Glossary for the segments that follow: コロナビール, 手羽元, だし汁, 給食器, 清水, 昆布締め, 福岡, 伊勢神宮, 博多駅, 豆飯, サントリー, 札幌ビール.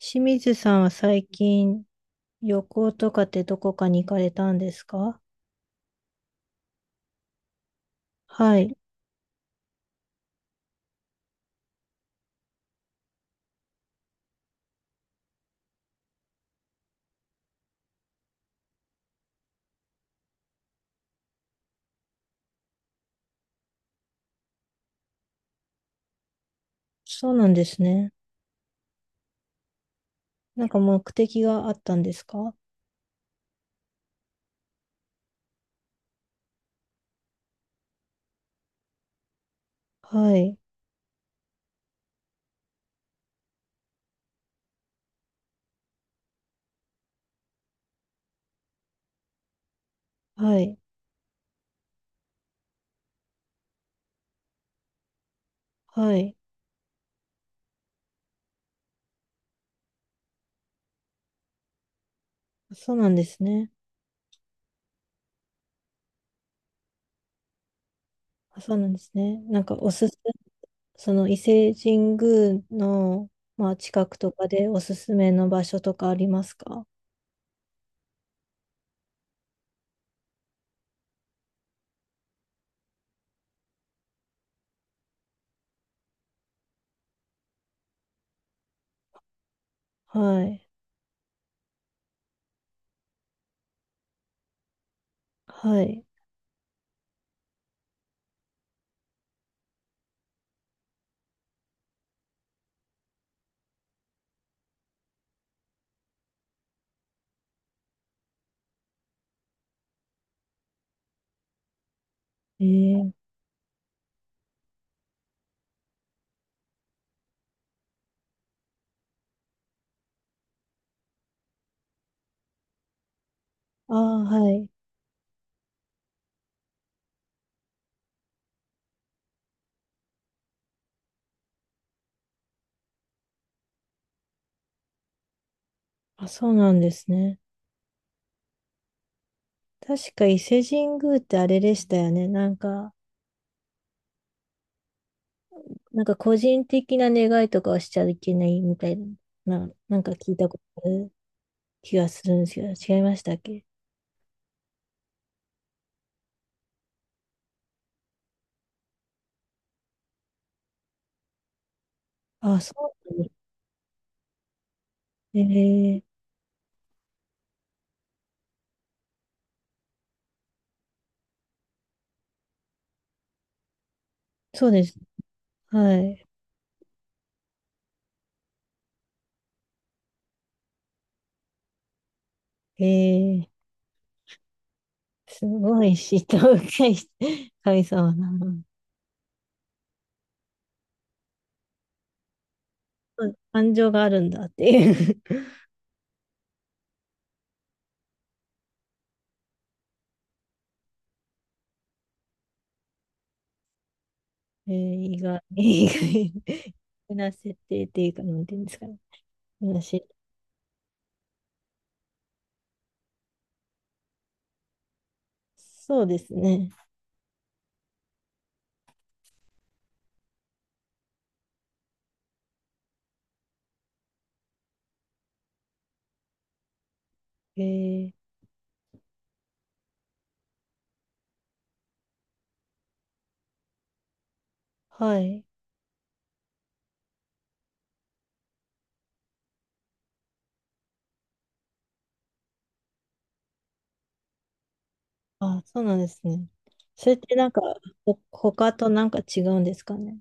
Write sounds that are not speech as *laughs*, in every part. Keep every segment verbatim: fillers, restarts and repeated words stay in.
清水さんは最近旅行とかってどこかに行かれたんですか？はい。そうなんですね。なんか目的があったんですか？はい。はい。はい。そうなんですね。あ、そうなんですね。なんかおすす、その伊勢神宮の、まあ、近くとかでおすすめの場所とかありますか？はい。はい。えー、ああ、はい。あ、そうなんですね。確か伊勢神宮ってあれでしたよね。なんか、なんか個人的な願いとかはしちゃいけないみたいな、な、なんか聞いたことある気がするんですけど、違いましたっけ？あ、そうなんです。ええ、そうです。はい。ええ、すごい嫉妬深い神様だな。そう、感情があるんだっていう。 *laughs* ええ、意外、意外な設定っていうか、なんていうんですかね。話、そうですね。ええ、はい。あ、そうなんですね。それってなんか、ほ、他となんか違うんですかね。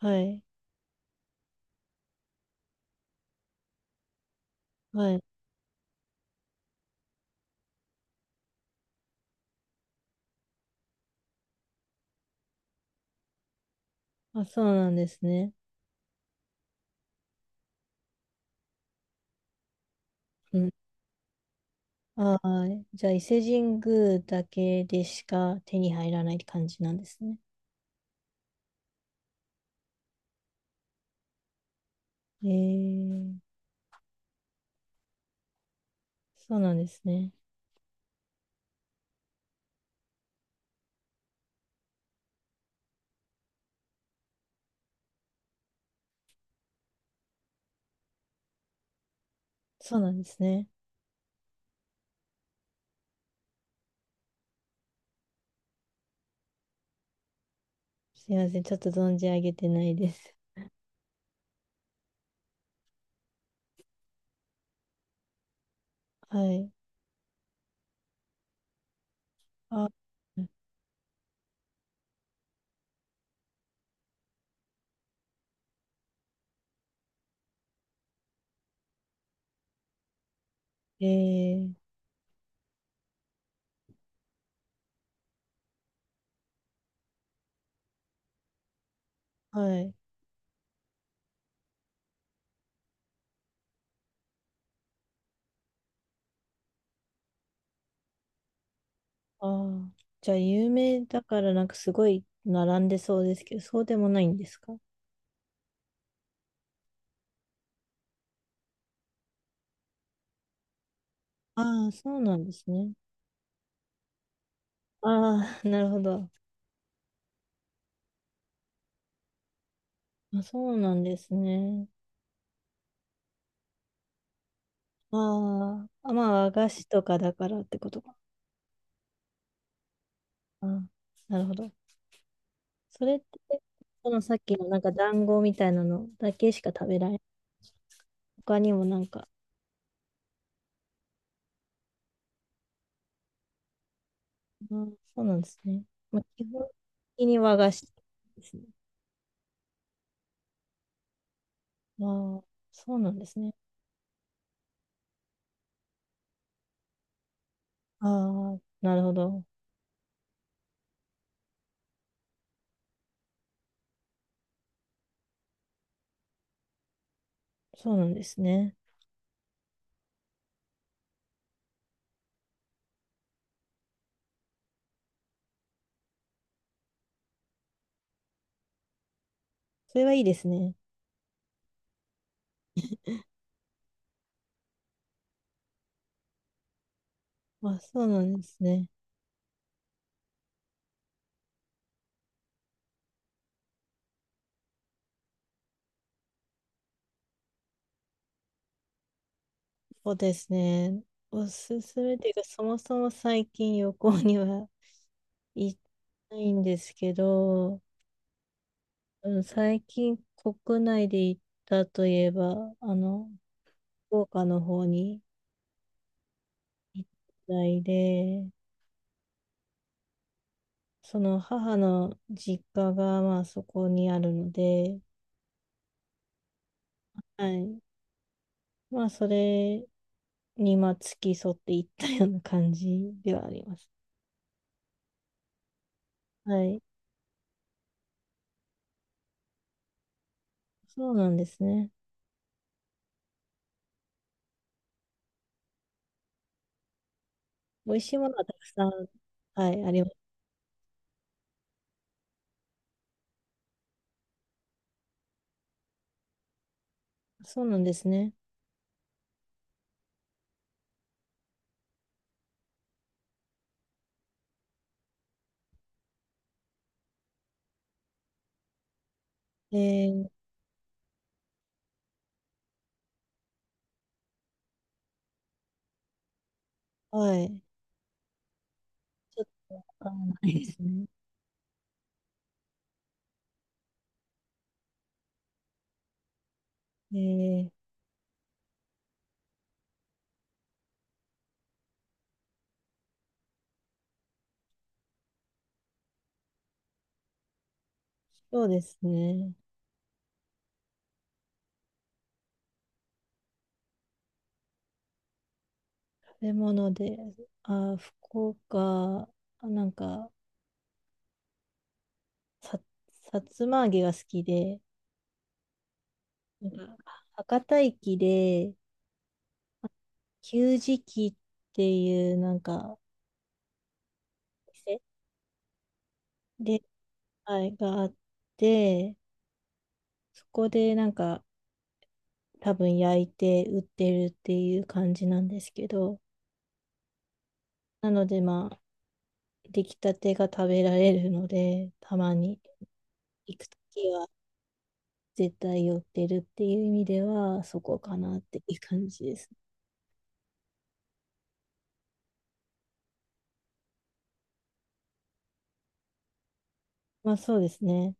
はい。はい。あ、そうなんですね。うん。ああ、じゃあ伊勢神宮だけでしか手に入らないって感じなんですね。ええ、そうなんですね。そうなんですね。すいません。ちょっと存じ上げてないです。はい。あ、ええ、はい。ああ、じゃあ有名だからなんかすごい並んでそうですけど、そうでもないんですか？ああ、そうなんですね。ああ、*laughs* なるほど。あ、そうなんですね。ああ、あ、まあ、和菓子とかだからってことか。ああ、なるほど。それって、そのさっきのなんか団子みたいなのだけしか食べられない。他にもなんか、ああ、そうなんですね。まあ、基本的に和菓子ですね。ああ、そうなんですね。ああ、なるほど。そうなんですね。それはいいですね。あ、そうなんですね。そうですね。おすすめっていうか、そもそも最近旅行には行ってないんですけど、うん、最近国内で行ったといえば、あの、福岡の方に行ったりで、その母の実家がまあそこにあるので、はい。まあそれにまあ付き添って行ったような感じではあります。はい。そうなんですね。美味しいものはたくさん、はい、あります。そうなんですね。えー、はい。ちょっとわからないですね。えー、そうですね。食べ物で、あー、福岡、あ、なんか、さ、さつま揚げが好きで、なんか、博多駅で、給食器っていう、なんか、店で、はい、があって、そこで、なんか、多分焼いて売ってるっていう感じなんですけど、なので、まあ、出来たてが食べられるので、たまに行くときは絶対寄ってるっていう意味では、そこかなっていう感じです。まあそうですね。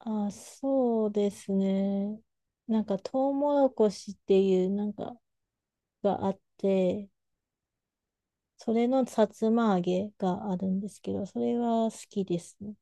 あ、そうですね。なんかトウモロコシっていうなんかがあって、それのさつま揚げがあるんですけど、それは好きですね。